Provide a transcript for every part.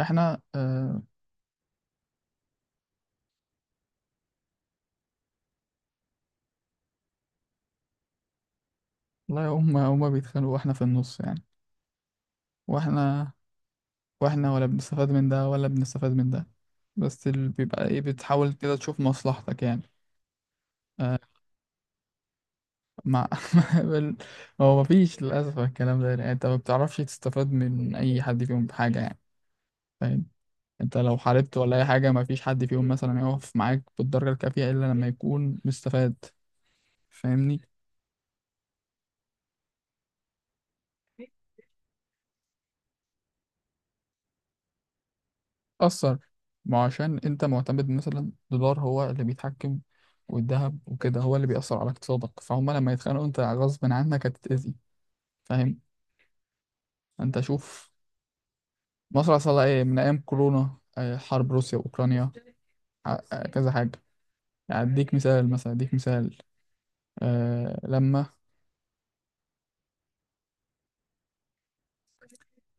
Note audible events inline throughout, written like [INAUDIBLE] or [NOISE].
احنا اه لا هم بيتخانقوا واحنا في النص يعني. واحنا واحنا ولا بنستفاد من ده ولا بنستفاد من ده. بس اللي بيبقى ايه، بتحاول كده تشوف مصلحتك يعني. مع [LAUGHS] بال- هو مفيش للأسف. الكلام ده يعني انت ما بتعرفش تستفاد من اي حد فيهم بحاجة يعني. فاهم؟ انت لو حاربت ولا اي حاجة مفيش حد فيهم مثلا يقف معاك بالدرجة الكافية الا لما يكون مستفاد. فاهمني؟ أثر. ما عشان أنت معتمد مثلا دولار هو اللي بيتحكم، والذهب وكده هو اللي بيأثر على اقتصادك. فهم لما يتخانقوا أنت غصب عنك هتتأذي. فاهم؟ أنت شوف، مصر حصل لها إيه من أيام كورونا، حرب روسيا وأوكرانيا. كذا حاجة. يعني أديك مثال، مثلا أديك مثال. أه لما.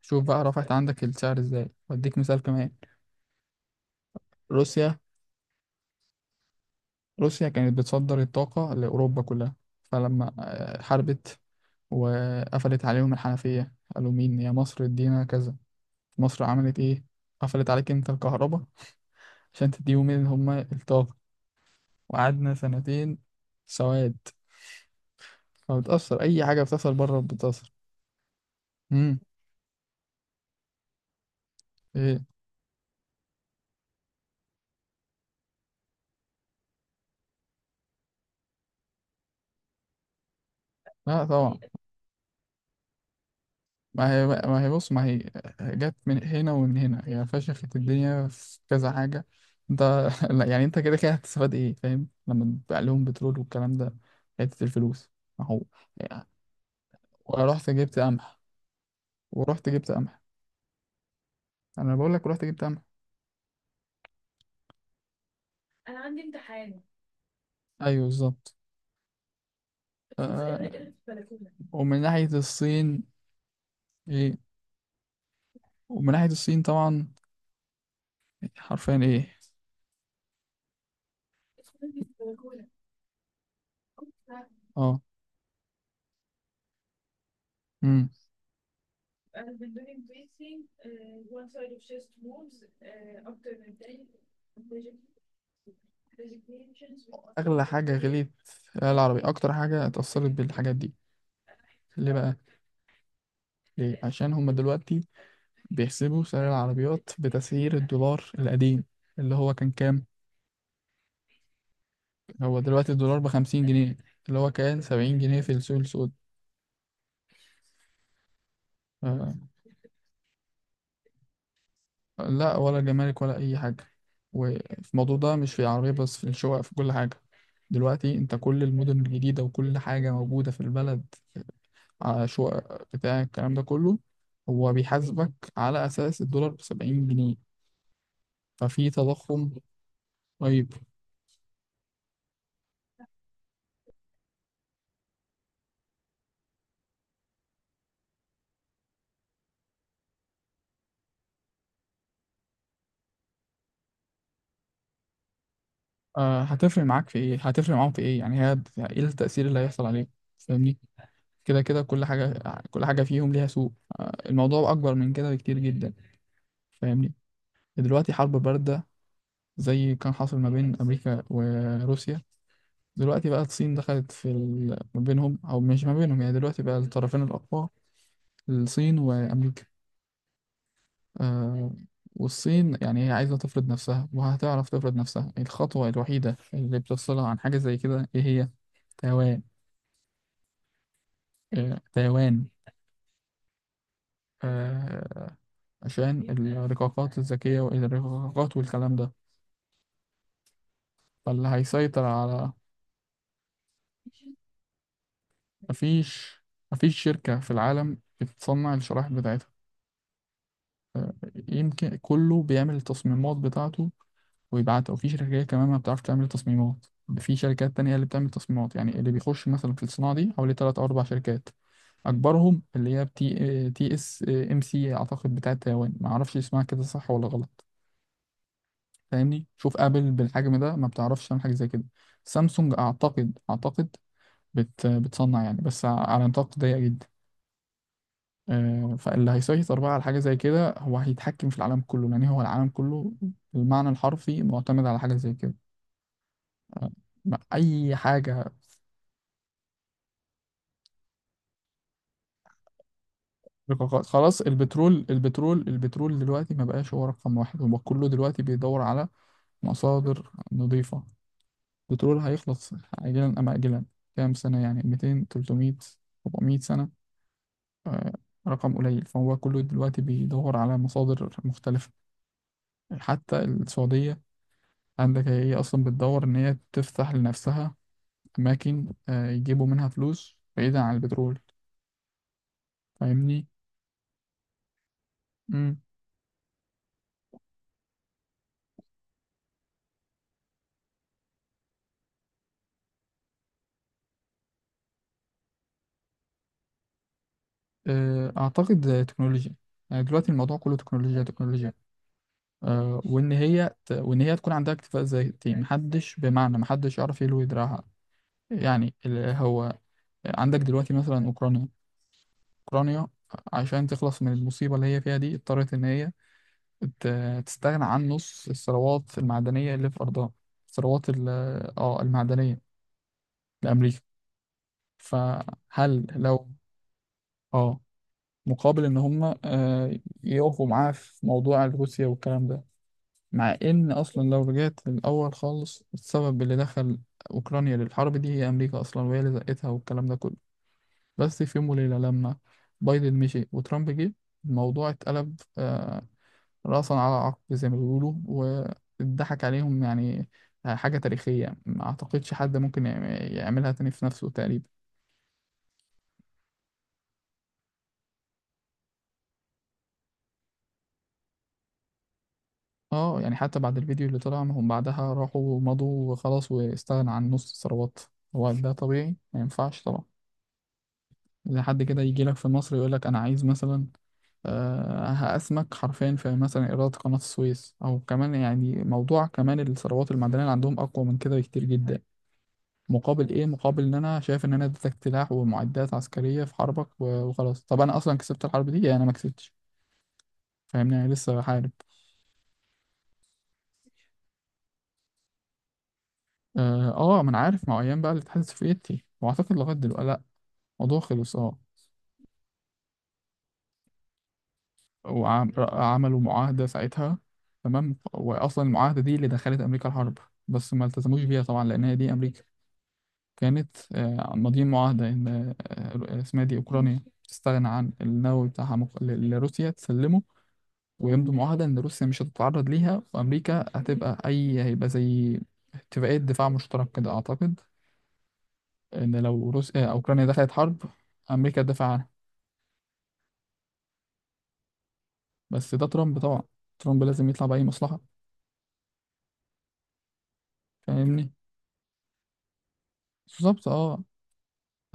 شوف بقى رفعت عندك السعر إزاي. وأديك مثال كمان. روسيا. روسيا كانت بتصدر الطاقة لأوروبا كلها. فلما حاربت وقفلت عليهم الحنفية قالوا مين؟ يا مصر ادينا كذا. مصر عملت ايه؟ قفلت عليك انت الكهرباء عشان تديهم اللي هما الطاقة. وقعدنا سنتين سواد. فبتأثر، أي حاجة بتحصل بره بتأثر. امم. ايه. لا طبعا. ما هي ما هي بص ما هي جت من هنا ومن هنا، هي فشخت الدنيا في كذا حاجة. انت [LAUGHS] لا، يعني انت كده كده هتستفاد ايه؟ فاهم لما تبيع لهم بترول والكلام ده حتة الفلوس. ما هو رحت جبت قمح. ورحت جبت قمح. انا بقول لك رحت جبت امل. ايوه بالظبط. آه، ومن ناحية الصين. ايه. ومن ناحية الصين طبعا. حرفيا ايه. اه. امم. اغلى حاجة غليت في العالم العربي، اكتر حاجة اتأثرت بالحاجات دي. ليه بقى؟ ليه؟ عشان هما دلوقتي بيحسبوا سعر العربيات بتسعير الدولار القديم اللي هو كان كام. هو دلوقتي الدولار بخمسين جنيه، اللي هو كان سبعين جنيه في السوق السود. لا، ولا جمارك ولا اي حاجه. وفي الموضوع ده مش في العربيه بس، في الشقق في كل حاجه. دلوقتي انت كل المدن الجديده وكل حاجه موجوده في البلد على شقق بتاع الكلام ده كله، هو بيحاسبك على اساس الدولار ب 70 جنيه. ففي تضخم. طيب. أه هتفرق معاك في ايه؟ هتفرق معاهم في ايه يعني؟ هي ايه التاثير اللي هيحصل عليك؟ فاهمني؟ كده كده كل حاجه، كل حاجه فيهم ليها سوق. أه الموضوع اكبر من كده بكتير جدا. فاهمني؟ دلوقتي حرب باردة زي كان حاصل ما بين أمريكا وروسيا. دلوقتي بقى الصين دخلت في ما بينهم أو مش ما بينهم يعني. دلوقتي بقى الطرفين الأقوى الصين وأمريكا. آه. والصين يعني هي عايزة تفرض نفسها وهتعرف تفرض نفسها. الخطوة الوحيدة اللي بتفصلها عن حاجة زي كده إيه هي؟ تايوان. آه تايوان. آه. عشان الرقاقات الذكية والرقاقات والكلام ده. فاللي هيسيطر على. مفيش. مفيش شركة في العالم بتصنع الشرائح بتاعتها. آه، يمكن كله بيعمل التصميمات بتاعته ويبعتها. وفي شركات كمان ما بتعرفش تعمل تصميمات. في شركات تانية هي اللي بتعمل تصميمات. يعني اللي بيخش مثلا في الصناعة دي حوالي تلات أو أربع شركات، أكبرهم اللي هي تي تي اس ام سي أعتقد بتاعة تايوان. ما أعرفش اسمها كده صح ولا غلط. فاهمني؟ شوف آبل بالحجم ده ما بتعرفش تعمل حاجة زي كده. سامسونج أعتقد بتصنع يعني بس على نطاق ضيق جدا. فاللي هيسيطر بقى على حاجة زي كده هو هيتحكم في العالم كله، لأن هو العالم كله بالمعنى الحرفي معتمد على حاجة زي كده. آه، أي حاجة. رقاقات. خلاص. البترول البترول البترول دلوقتي ما بقاش هو رقم واحد. هو كله دلوقتي بيدور على مصادر نظيفة. البترول هيخلص عاجلا أم آجلا. كام سنة يعني؟ 200 300 400 سنة. آه، رقم قليل. فهو كله دلوقتي بيدور على مصادر مختلفة. حتى السعودية عندك هي أصلا بتدور إن هي تفتح لنفسها أماكن يجيبوا منها فلوس بعيدا عن البترول. فاهمني؟ مم. أعتقد تكنولوجيا. يعني دلوقتي الموضوع كله تكنولوجيا تكنولوجيا. وإن هي وإن هي تكون عندها اكتفاء ذاتي، محدش بمعنى محدش يعرف يلوي دراعها. يعني هو عندك دلوقتي مثلا أوكرانيا. أوكرانيا عشان تخلص من المصيبة اللي هي فيها دي اضطرت إن هي تستغنى عن نص الثروات المعدنية اللي في أرضها. الثروات ال- اه المعدنية لأمريكا. فهل لو اه مقابل إن هم يقفوا معاه في موضوع روسيا والكلام ده. مع إن أصلا لو رجعت للأول خالص، السبب اللي دخل أوكرانيا للحرب دي هي أمريكا أصلا، وهي اللي زقتها والكلام ده كله. بس في يوم وليلة لما بايدن مشي وترامب جه، الموضوع اتقلب رأسا على عقب زي ما بيقولوا، واتضحك عليهم يعني. حاجة تاريخية ما أعتقدش حد ممكن يعملها تاني في نفسه تقريبا. اه يعني حتى بعد الفيديو اللي طلع، ما هم بعدها راحوا ومضوا وخلاص واستغنى عن نص الثروات. هو ده طبيعي؟ ما ينفعش طبعا. إذا حد كده يجي لك في مصر يقول لك أنا عايز مثلا هقسمك حرفيا في مثلا إيرادات قناة السويس، أو كمان يعني موضوع كمان الثروات المعدنية اللي عندهم أقوى من كده بكتير جدا. مقابل ايه؟ مقابل ان انا شايف ان انا اديتك سلاح ومعدات عسكريه في حربك، وخلاص. طب انا اصلا كسبت الحرب دي يعني؟ انا ما كسبتش، فاهمني؟ انا لسه بحارب. اه. ما انا عارف مع ايام بقى الاتحاد السوفيتي، واعتقد لغايه دلوقتي لا، الموضوع خلص اه. وعملوا معاهده ساعتها. تمام. واصلا المعاهده دي اللي دخلت امريكا الحرب. بس ما التزموش بيها طبعا لان هي دي امريكا. كانت ماضيين معاهده ان اسمها دي اوكرانيا تستغنى عن النووي بتاعها لروسيا تسلمه، ويمضوا معاهدة إن روسيا مش هتتعرض ليها، وأمريكا هتبقى أي هيبقى زي اتفاقية دفاع مشترك كده أعتقد، إن لو روسيا أوكرانيا دخلت حرب أمريكا تدافع عنها. بس ده ترامب طبعا. ترامب لازم يطلع بأي مصلحة. فاهمني؟ بالظبط اه.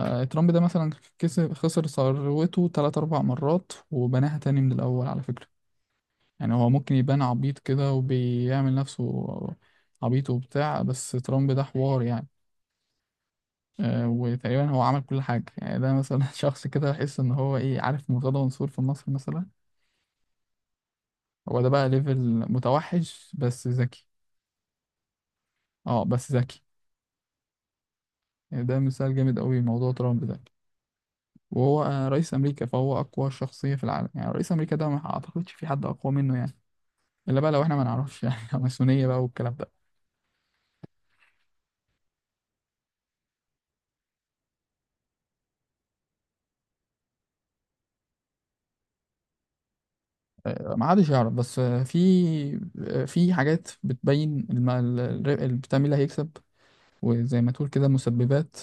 ترامب ده مثلا كسب خسر ثروته تلات أربع مرات وبناها تاني من الأول على فكرة. يعني هو ممكن يبان عبيط كده وبيعمل نفسه عبيط وبتاع. بس ترامب ده حوار يعني. وتقريبا هو عمل كل حاجة يعني. ده مثلا [LAUGHS] شخص كده بحس إن هو إيه، عارف مرتضى منصور في مصر مثلا؟ هو ده بقى ليفل متوحش بس ذكي. اه بس ذكي. يعني ده مثال جامد قوي موضوع ترامب ده. وهو رئيس أمريكا فهو أقوى شخصية في العالم يعني. رئيس أمريكا ده ما أعتقدش في حد أقوى منه يعني، إلا بقى لو إحنا ما نعرفش يعني [LAUGHS] ماسونية بقى والكلام ده. ما حدش يعرف. بس في في حاجات بتبين بتعمل اللي هيكسب، وزي ما تقول كده مسببات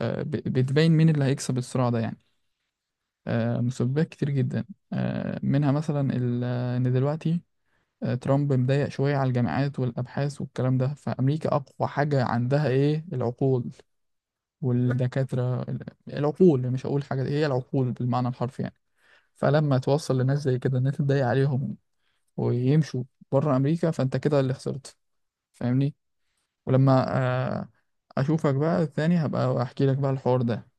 آه، ب- بتبين مين اللي هيكسب الصراع ده يعني. مسببات كتير جدا. منها مثلا ان دلوقتي ترامب مضايق شوية على الجامعات والأبحاث والكلام ده. فأمريكا أقوى حاجة عندها إيه؟ العقول والدكاترة العقول. مش هقول حاجة هي العقول بالمعنى الحرفي يعني. فلما توصل لناس زي كده إن أنت تضايق عليهم ويمشوا بره أمريكا، فأنت كده اللي خسرت. فاهمني؟ ولما آه، أشوفك بقى الثاني هبقى أحكي لك بقى الحوار ده.